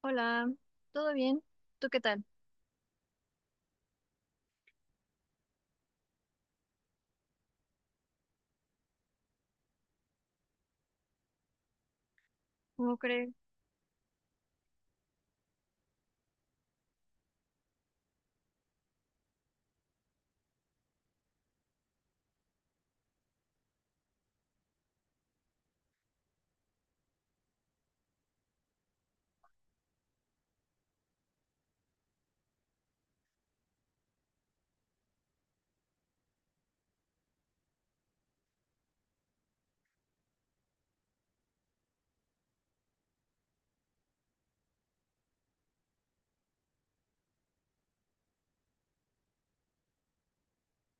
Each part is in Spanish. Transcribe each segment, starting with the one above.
Hola, ¿todo bien? ¿Tú qué tal? ¿Cómo crees?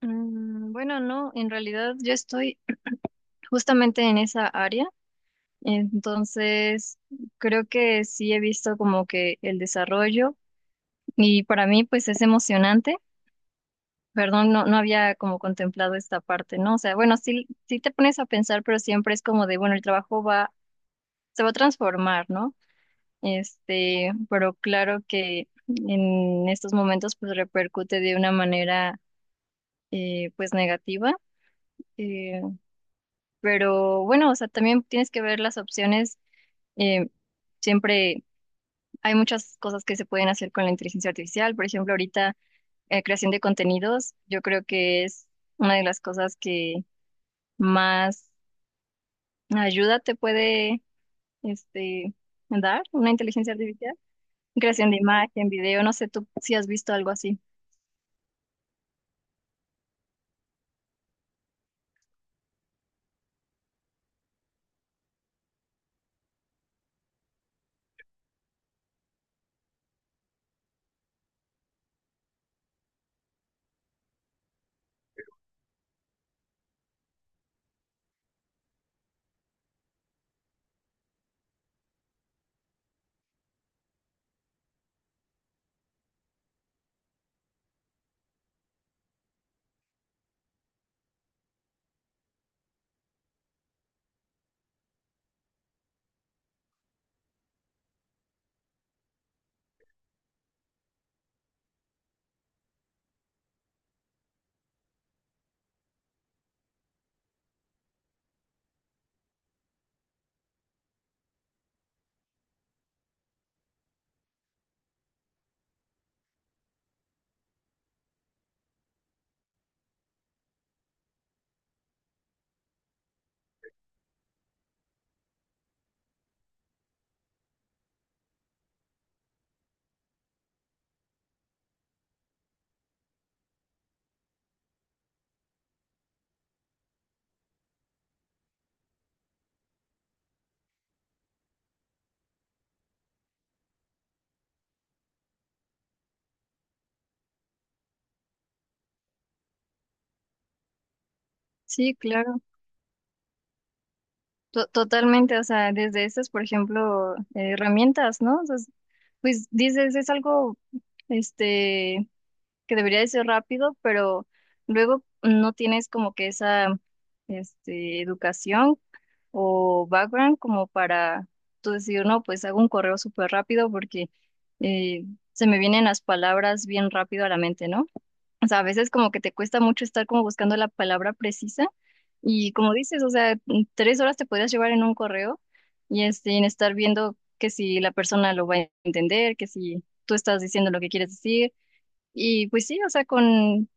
Bueno, no, en realidad yo estoy justamente en esa área, entonces creo que sí he visto como que el desarrollo y para mí pues es emocionante. Perdón, no, había como contemplado esta parte, ¿no? O sea, bueno, sí, sí te pones a pensar, pero siempre es como de, bueno, el trabajo va, se va a transformar, ¿no? Este, pero claro que en estos momentos pues repercute de una manera pues negativa. eh, pero bueno, o sea, también tienes que ver las opciones. eh, Siempre hay muchas cosas que se pueden hacer con la inteligencia artificial. Por ejemplo, ahorita creación de contenidos, yo creo que es una de las cosas que más ayuda te puede este, dar una inteligencia artificial. Creación de imagen, video, no sé tú si has visto algo así. Sí, claro. Totalmente, o sea, desde esas, por ejemplo, herramientas, ¿no? Pues dices, es algo, este, que debería de ser rápido, pero luego no tienes como que esa, este, educación o background como para tú decir, no, pues hago un correo súper rápido porque eh, se me vienen las palabras bien rápido a la mente, ¿no? O sea, a veces como que te cuesta mucho estar como buscando la palabra precisa y como dices, o sea, en tres horas te podrías llevar en un correo y este, en estar viendo que si la persona lo va a entender, que si tú estás diciendo lo que quieres decir. Y pues sí, o sea,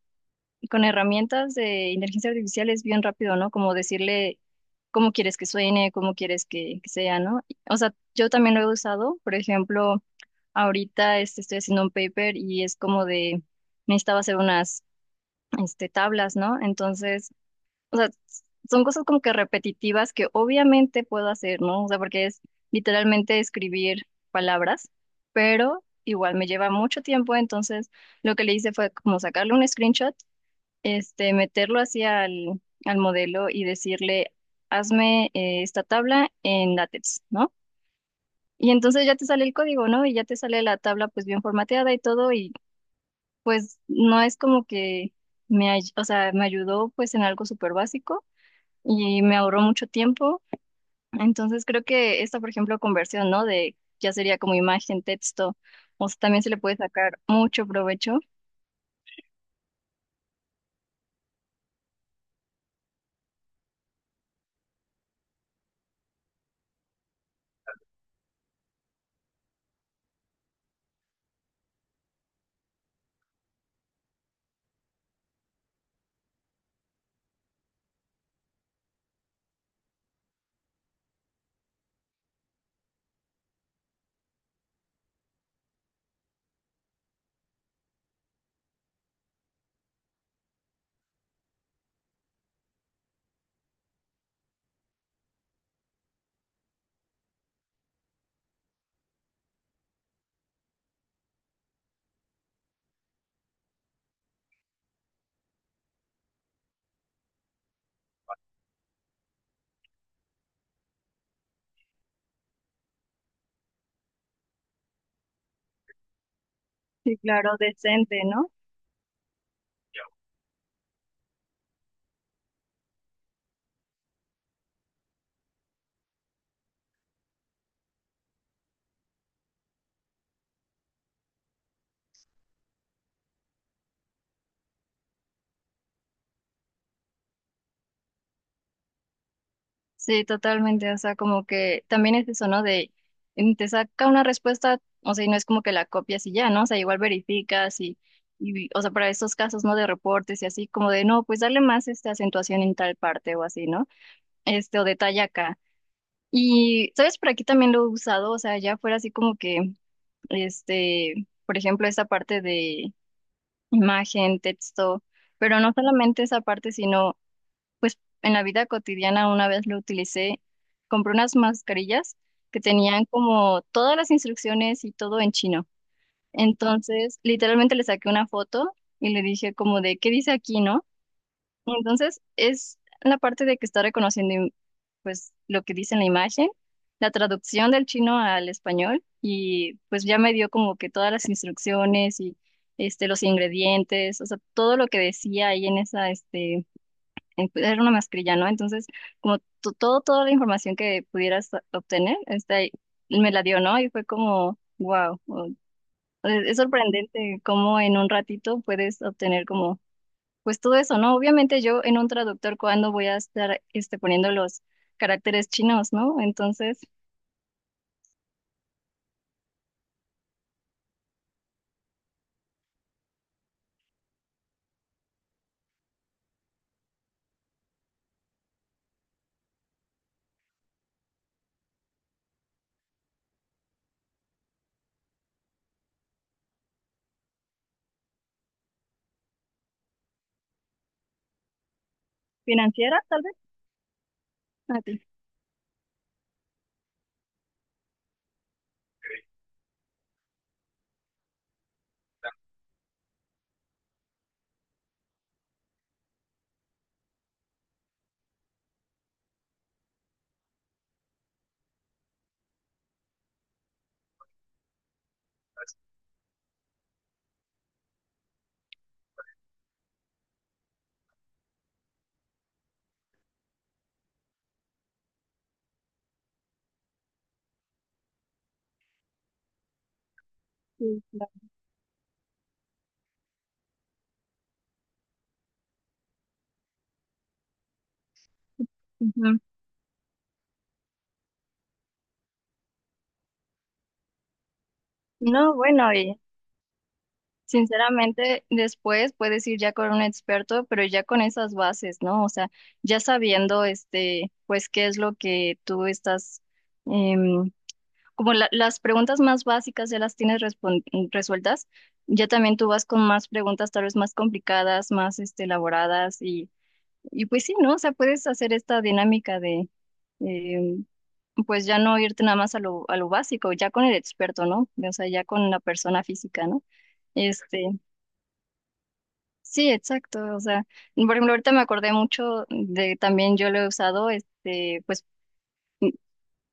con herramientas de inteligencia artificial es bien rápido, ¿no? Como decirle cómo quieres que suene, cómo quieres que sea, ¿no? O sea, yo también lo he usado, por ejemplo, ahorita este, estoy haciendo un paper y es como de, necesitaba hacer unas este, tablas, ¿no? Entonces, o sea, s- son cosas como que repetitivas que obviamente puedo hacer, ¿no? O sea, porque es literalmente escribir palabras, pero igual me lleva mucho tiempo, entonces lo que le hice fue como sacarle un screenshot, este, meterlo hacia al modelo y decirle, hazme esta tabla en LaTeX, ¿no? Y entonces ya te sale el código, ¿no? Y ya te sale la tabla pues bien formateada y todo, y pues no es como que o sea, me ayudó pues en algo súper básico y me ahorró mucho tiempo. Entonces creo que esta, por ejemplo, conversión, ¿no? De ya sería como imagen, texto, o sea, también se le puede sacar mucho provecho. Sí, claro, decente, ¿no? Sí, totalmente. O sea, como que también es eso, ¿no? De te saca una respuesta, o sea, y no es como que la copias y ya, ¿no? O sea, igual verificas y o sea, para estos casos, ¿no? De reportes y así, como de, no, pues darle más esta acentuación en tal parte o así, ¿no? Este, o de talla acá. Y, ¿sabes? Por aquí también lo he usado, o sea, ya fuera así como que, este, por ejemplo, esta parte de imagen, texto, pero no solamente esa parte, sino, pues, en la vida cotidiana una vez lo utilicé, compré unas mascarillas que tenían como todas las instrucciones y todo en chino. Entonces, literalmente le saqué una foto y le dije como de, ¿qué dice aquí, no? Y entonces, es la parte de que está reconociendo pues lo que dice en la imagen, la traducción del chino al español y pues ya me dio como que todas las instrucciones y este los ingredientes, o sea, todo lo que decía ahí en esa pues, era una mascarilla, ¿no? Entonces, como to- todo toda la información que pudieras obtener, está ahí, me la dio, ¿no? Y fue como wow, es sorprendente cómo en un ratito puedes obtener como pues todo eso, ¿no? Obviamente yo en un traductor, ¿cuándo voy a estar este, poniendo los caracteres chinos, ¿no? Entonces, financiera, tal vez, a ti. Sí, claro. Ujú. No, bueno, y sinceramente después puedes ir ya con un experto, pero ya con esas bases, ¿no? O sea, ya sabiendo, este, pues qué es lo que tú estás, em, como las preguntas más básicas ya las tienes resueltas, ya también tú vas con más preguntas tal vez más complicadas, más, este, elaboradas y pues sí, ¿no? O sea, puedes hacer esta dinámica de, eh, pues ya no irte nada más a lo básico, ya con el experto, ¿no? O sea, ya con la persona física, ¿no? Este, sí, exacto. O sea, por ejemplo, ahorita me acordé mucho de también yo lo he usado, este, pues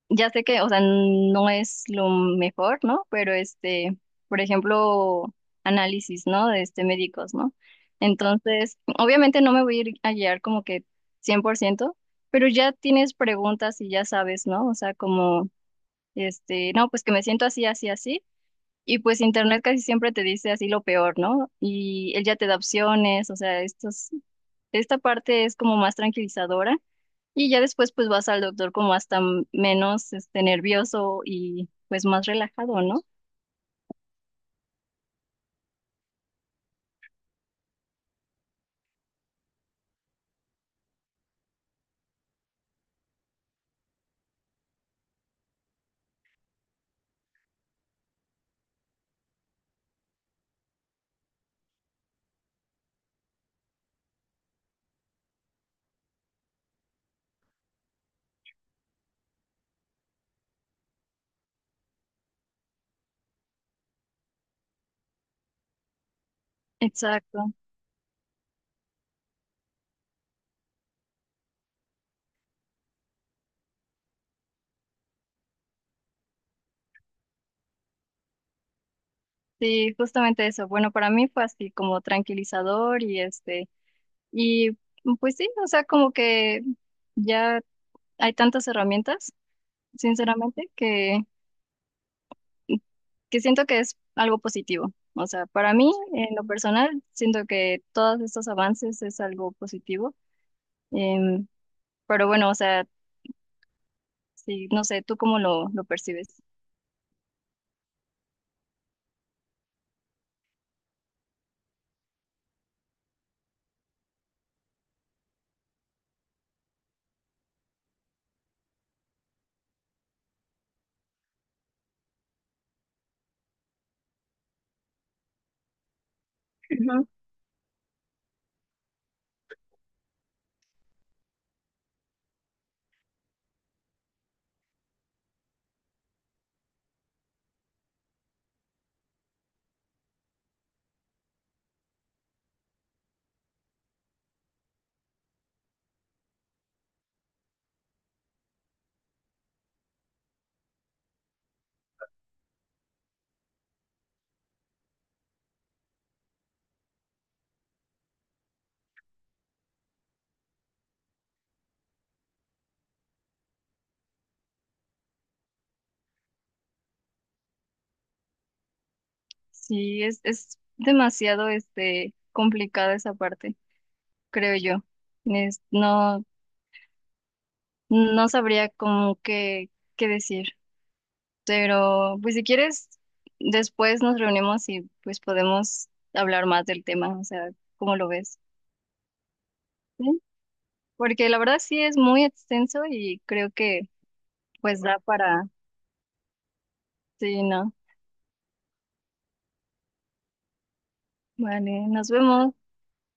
ya sé que, o sea, no es lo mejor, ¿no? Pero este, por ejemplo, análisis, ¿no? De este médicos, ¿no? Entonces, obviamente no me voy a ir a guiar como que cien por ciento, pero ya tienes preguntas y ya sabes, ¿no? O sea, como, este, no, pues que me siento así, así, así. Y pues internet casi siempre te dice así lo peor, ¿no? Y él ya te da opciones, o sea, estos, esta parte es como más tranquilizadora y ya después pues vas al doctor como hasta menos este nervioso y pues más relajado, ¿no? Exacto. Sí, justamente eso. Bueno, para mí fue así como tranquilizador y este y pues sí, o sea, como que ya hay tantas herramientas, sinceramente, que siento que es algo positivo. O sea, para mí en lo personal siento que todos estos avances es algo positivo. Em, pero bueno, o sea, sí, no sé, ¿tú cómo lo percibes? Sí, es demasiado este complicada esa parte, creo yo. Es- no, no sabría cómo qué, qué decir. Pero, pues si quieres, después nos reunimos y pues podemos hablar más del tema, o sea, ¿cómo lo ves? Sí, porque la verdad sí es muy extenso y creo que pues da para, sí, no. Vale, nos vemos.